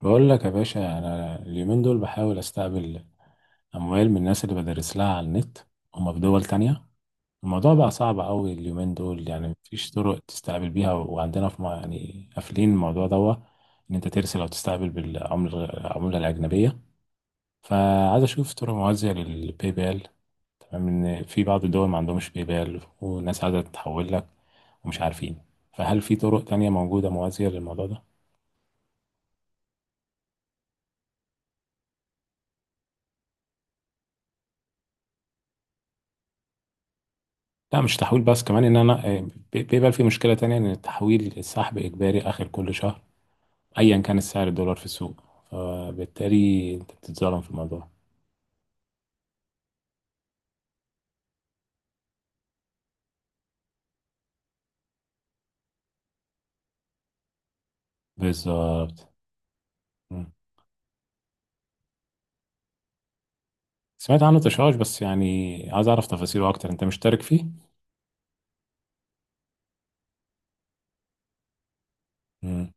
بقول لك يا باشا، انا اليومين دول بحاول استقبل اموال من الناس اللي بدرس لها على النت، هما في دول تانية. الموضوع بقى صعب قوي اليومين دول، يعني مفيش طرق تستقبل بيها وعندنا يعني قافلين الموضوع دوا ان انت ترسل او تستقبل بالعملة الاجنبية. فعايز اشوف طرق موازية للباي بال. تمام، ان في بعض الدول ما عندهمش باي بال وناس عايزة تحول لك ومش عارفين، فهل في طرق تانية موجودة موازية للموضوع ده؟ لا، مش تحويل بس، كمان ان انا بيبقى في مشكله تانية ان السحب اجباري اخر كل شهر، ايا كان سعر الدولار في السوق. فبالتالي انت بتتظلم في الموضوع. بالظبط. مم. سمعت عنه تشاش بس يعني، عايز اعرف تفاصيله اكتر. انت مشترك فيه؟ مم.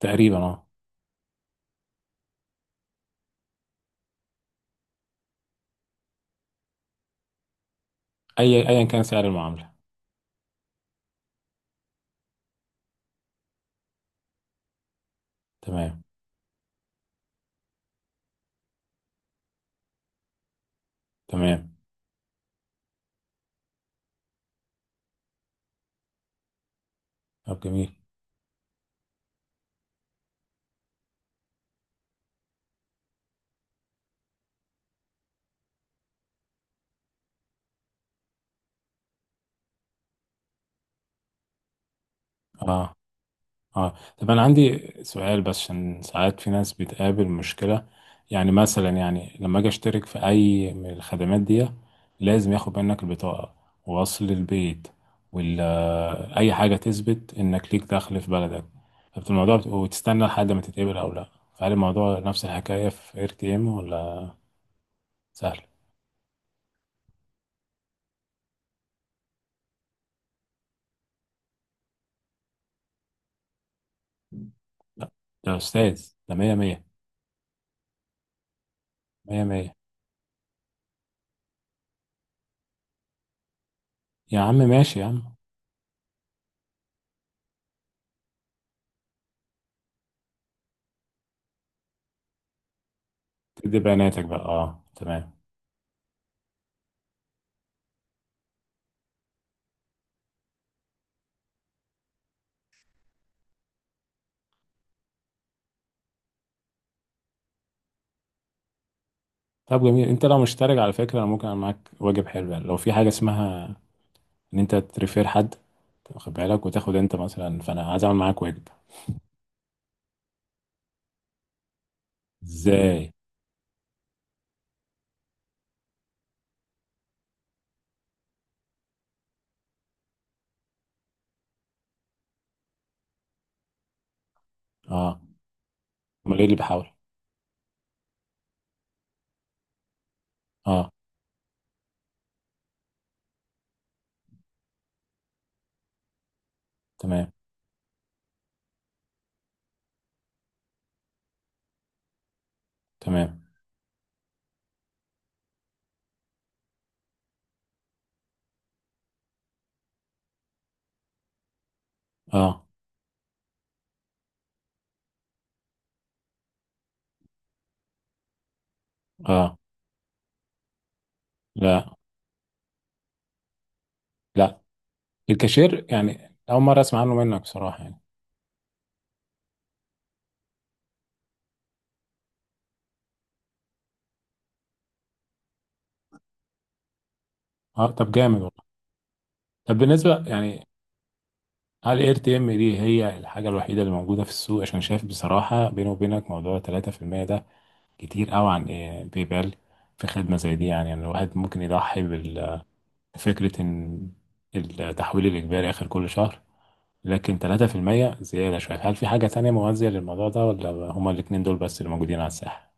تقريبا، اه. ايا كان سعر المعامله. تمام. تمام. طب جميل. اه. اه، طب انا عندي سؤال بس عشان ساعات في ناس بتقابل مشكلة. يعني مثلا يعني لما اجي اشترك في اي من الخدمات دي، لازم ياخد منك البطاقة ووصل البيت ولا اي حاجة تثبت انك ليك دخل في بلدك. طب الموضوع وتستنى لحد ما تتقبل او لا. فهل الموضوع نفس الحكاية في ار تي ام ولا سهل؟ لا، ده استاذ، ده مية مية. مية مية يا عم، ماشي يا عم. تدي بياناتك بقى، اه تمام. طب جميل، انت لو مشترك على فكره، انا ممكن اعمل معاك واجب حلو يعني، لو في حاجه اسمها ان انت تريفير حد، واخد بالك، وتاخد انت مثلا، فانا عايز اعمل معاك واجب. ازاي؟ اه. امال ايه اللي بحاول؟ اه. تمام. تمام. اه. اه. لا. لا. الكاشير يعني اول مره اسمع عنه منك بصراحه يعني. اه، طب جامد والله. طب بالنسبه يعني، هل الاي تي ام دي هي الحاجه الوحيده اللي موجوده في السوق؟ عشان شايف بصراحه بيني وبينك، موضوع 3% ده كتير قوي عن إيه بيبال؟ في خدمة زي دي يعني، يعني الواحد ممكن يضحي بفكرة إن التحويل الإجباري آخر كل شهر، لكن 3% زيادة شوية. هل في حاجة تانية موازية للموضوع ده ولا هما الاتنين دول بس اللي موجودين على الساحة؟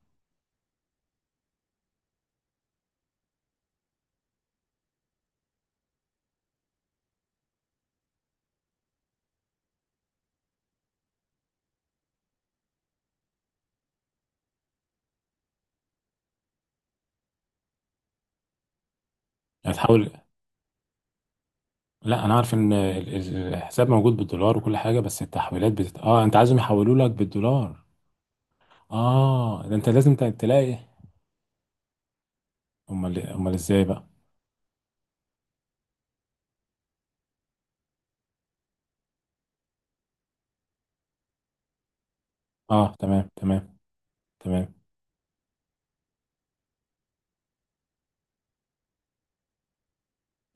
هتحاول. لا، أنا عارف إن الحساب موجود بالدولار وكل حاجة، بس التحويلات بتت... آه أنت عايزهم يحولوا لك بالدولار. آه، ده أنت لازم تلاقي. أمال إيه؟ أمال إزاي بقى؟ آه، تمام. تمام. تمام.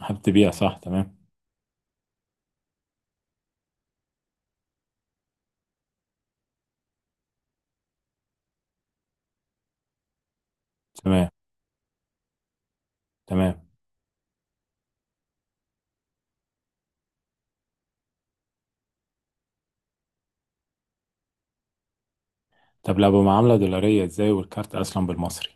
حابب تبيع، صح، تمام. تمام. تمام. طب لو بمعاملة دولارية ازاي والكارت اسلم بالمصري؟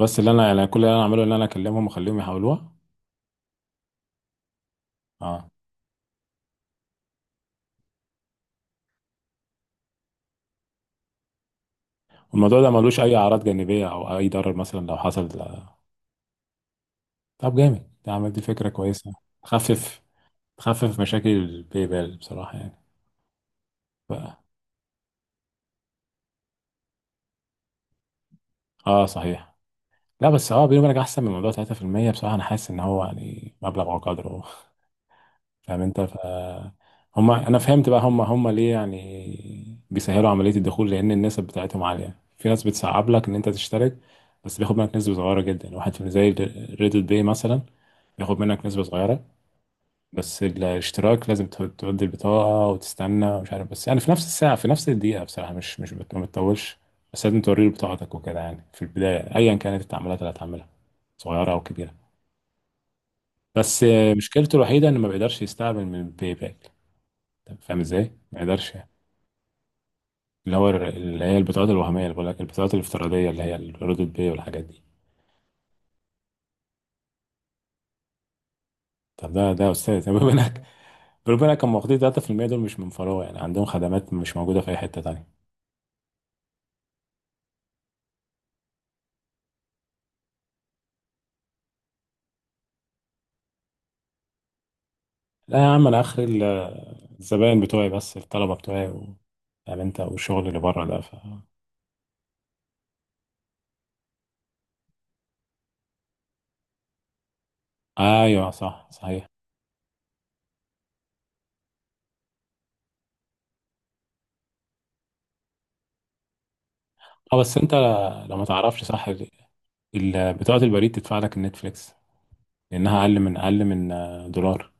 بس اللي انا يعني، كل اللي انا اعمله ان انا اكلمهم واخليهم يحولوها. اه. الموضوع ده ملوش اي اعراض جانبية او اي ضرر مثلا لو حصل؟ لا. طب جامد، ده عمل، دي فكرة كويسة. تخفف تخفف مشاكل الباي بال بصراحة يعني. ف... اه صحيح. لا بس اه بيني وبينك، احسن من موضوع 3% بصراحة، انا حاسس ان هو يعني مبلغ وقدره. فاهم انت؟ هم انا فهمت بقى، هم ليه يعني بيسهلوا عمليه الدخول. لان النسب بتاعتهم عاليه، في ناس بتصعب لك ان انت تشترك، بس بياخد منك نسبه صغيره جدا، 1%، زي ريدت باي مثلا، بياخد منك نسبه صغيره. بس الاشتراك لازم تودي البطاقه وتستنى ومش عارف. بس يعني في نفس الساعه، في نفس الدقيقه بصراحه، مش ما بتطولش. بس لازم توري له بطاقتك وكده يعني في البدايه، ايا كانت التعاملات اللي هتعملها، صغيره او كبيره. بس مشكلته الوحيده انه ما بيقدرش يستقبل من باي باك. طب فاهم ازاي؟ ما يقدرش. اللي هي البطاقات الوهمية، اللي بقول لك البطاقات الافتراضية، اللي هي الردود بي والحاجات دي. طب ده يا استاذ، ربنا، ربنا كان واخدين 3% دول مش من فراغ يعني، عندهم خدمات مش موجودة في أي حتة تانية. لا يا عم، أنا آخر الزباين بتوعي بس، الطلبة بتوعي و... فاهم أنت والشغل اللي بره ده؟ أيوه، صح صحيح. أه بس أنت لو ما تعرفش، صح بطاقة البريد تدفع لك النتفليكس، لأنها أقل من دولار،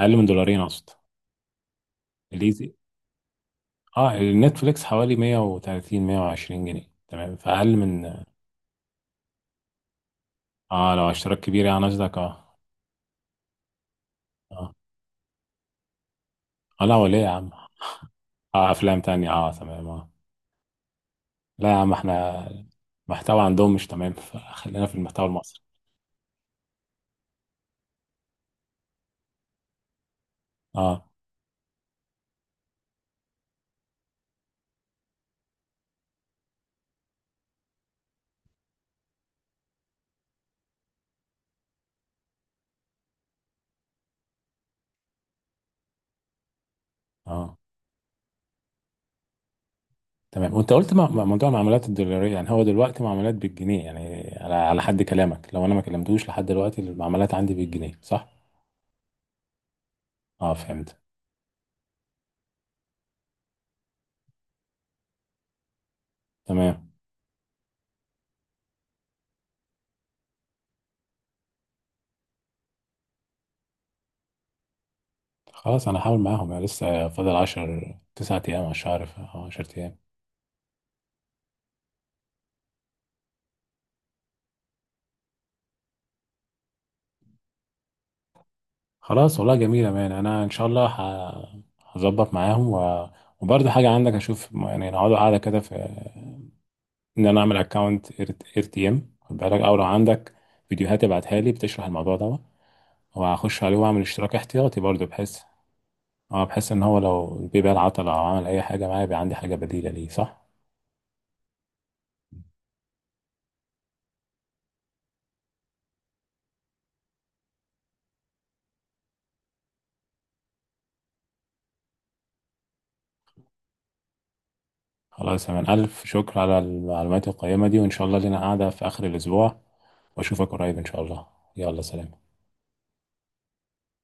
أقل من دولارين أقصد. الايزي. اه، نتفليكس حوالي 130 120 جنيه تمام، فاقل من. اه، لو اشتراك كبير يعني قصدك، اه. اه. آه، لا، ولا يا عم. اه، افلام تانية. اه، تمام. اه. لا يا عم، احنا المحتوى عندهم مش تمام فخلينا في المحتوى المصري. اه. اه تمام. وانت قلت مع موضوع المعاملات الدولارية يعني، هو دلوقتي معاملات بالجنيه يعني على حد كلامك، لو انا ما كلمتوش لحد دلوقتي، المعاملات عندي بالجنيه، صح؟ اه، فهمت. تمام. خلاص انا هحاول معاهم، يعني لسه فاضل 10 9 ايام على الشهر، ف 10 ايام. خلاص والله جميل يا مان، انا ان شاء الله هظبط معاهم و... وبرضه حاجه عندك اشوف يعني، نقعدوا قاعده كده في ان انا اعمل اكونت ار تي ام، خد بالك، او لو عندك فيديوهات ابعتها لي بتشرح الموضوع ده، وهخش عليه واعمل اشتراك احتياطي برضه بحيث ان هو لو البي بقى العطل او عمل اي حاجه معايا، يبقى عندي حاجه بديله ليه، صح؟ خلاص يا مان، الف شكر على المعلومات القيمه دي، وان شاء الله لنا قاعده في اخر الاسبوع، واشوفك قريب ان شاء الله. يلا سلام.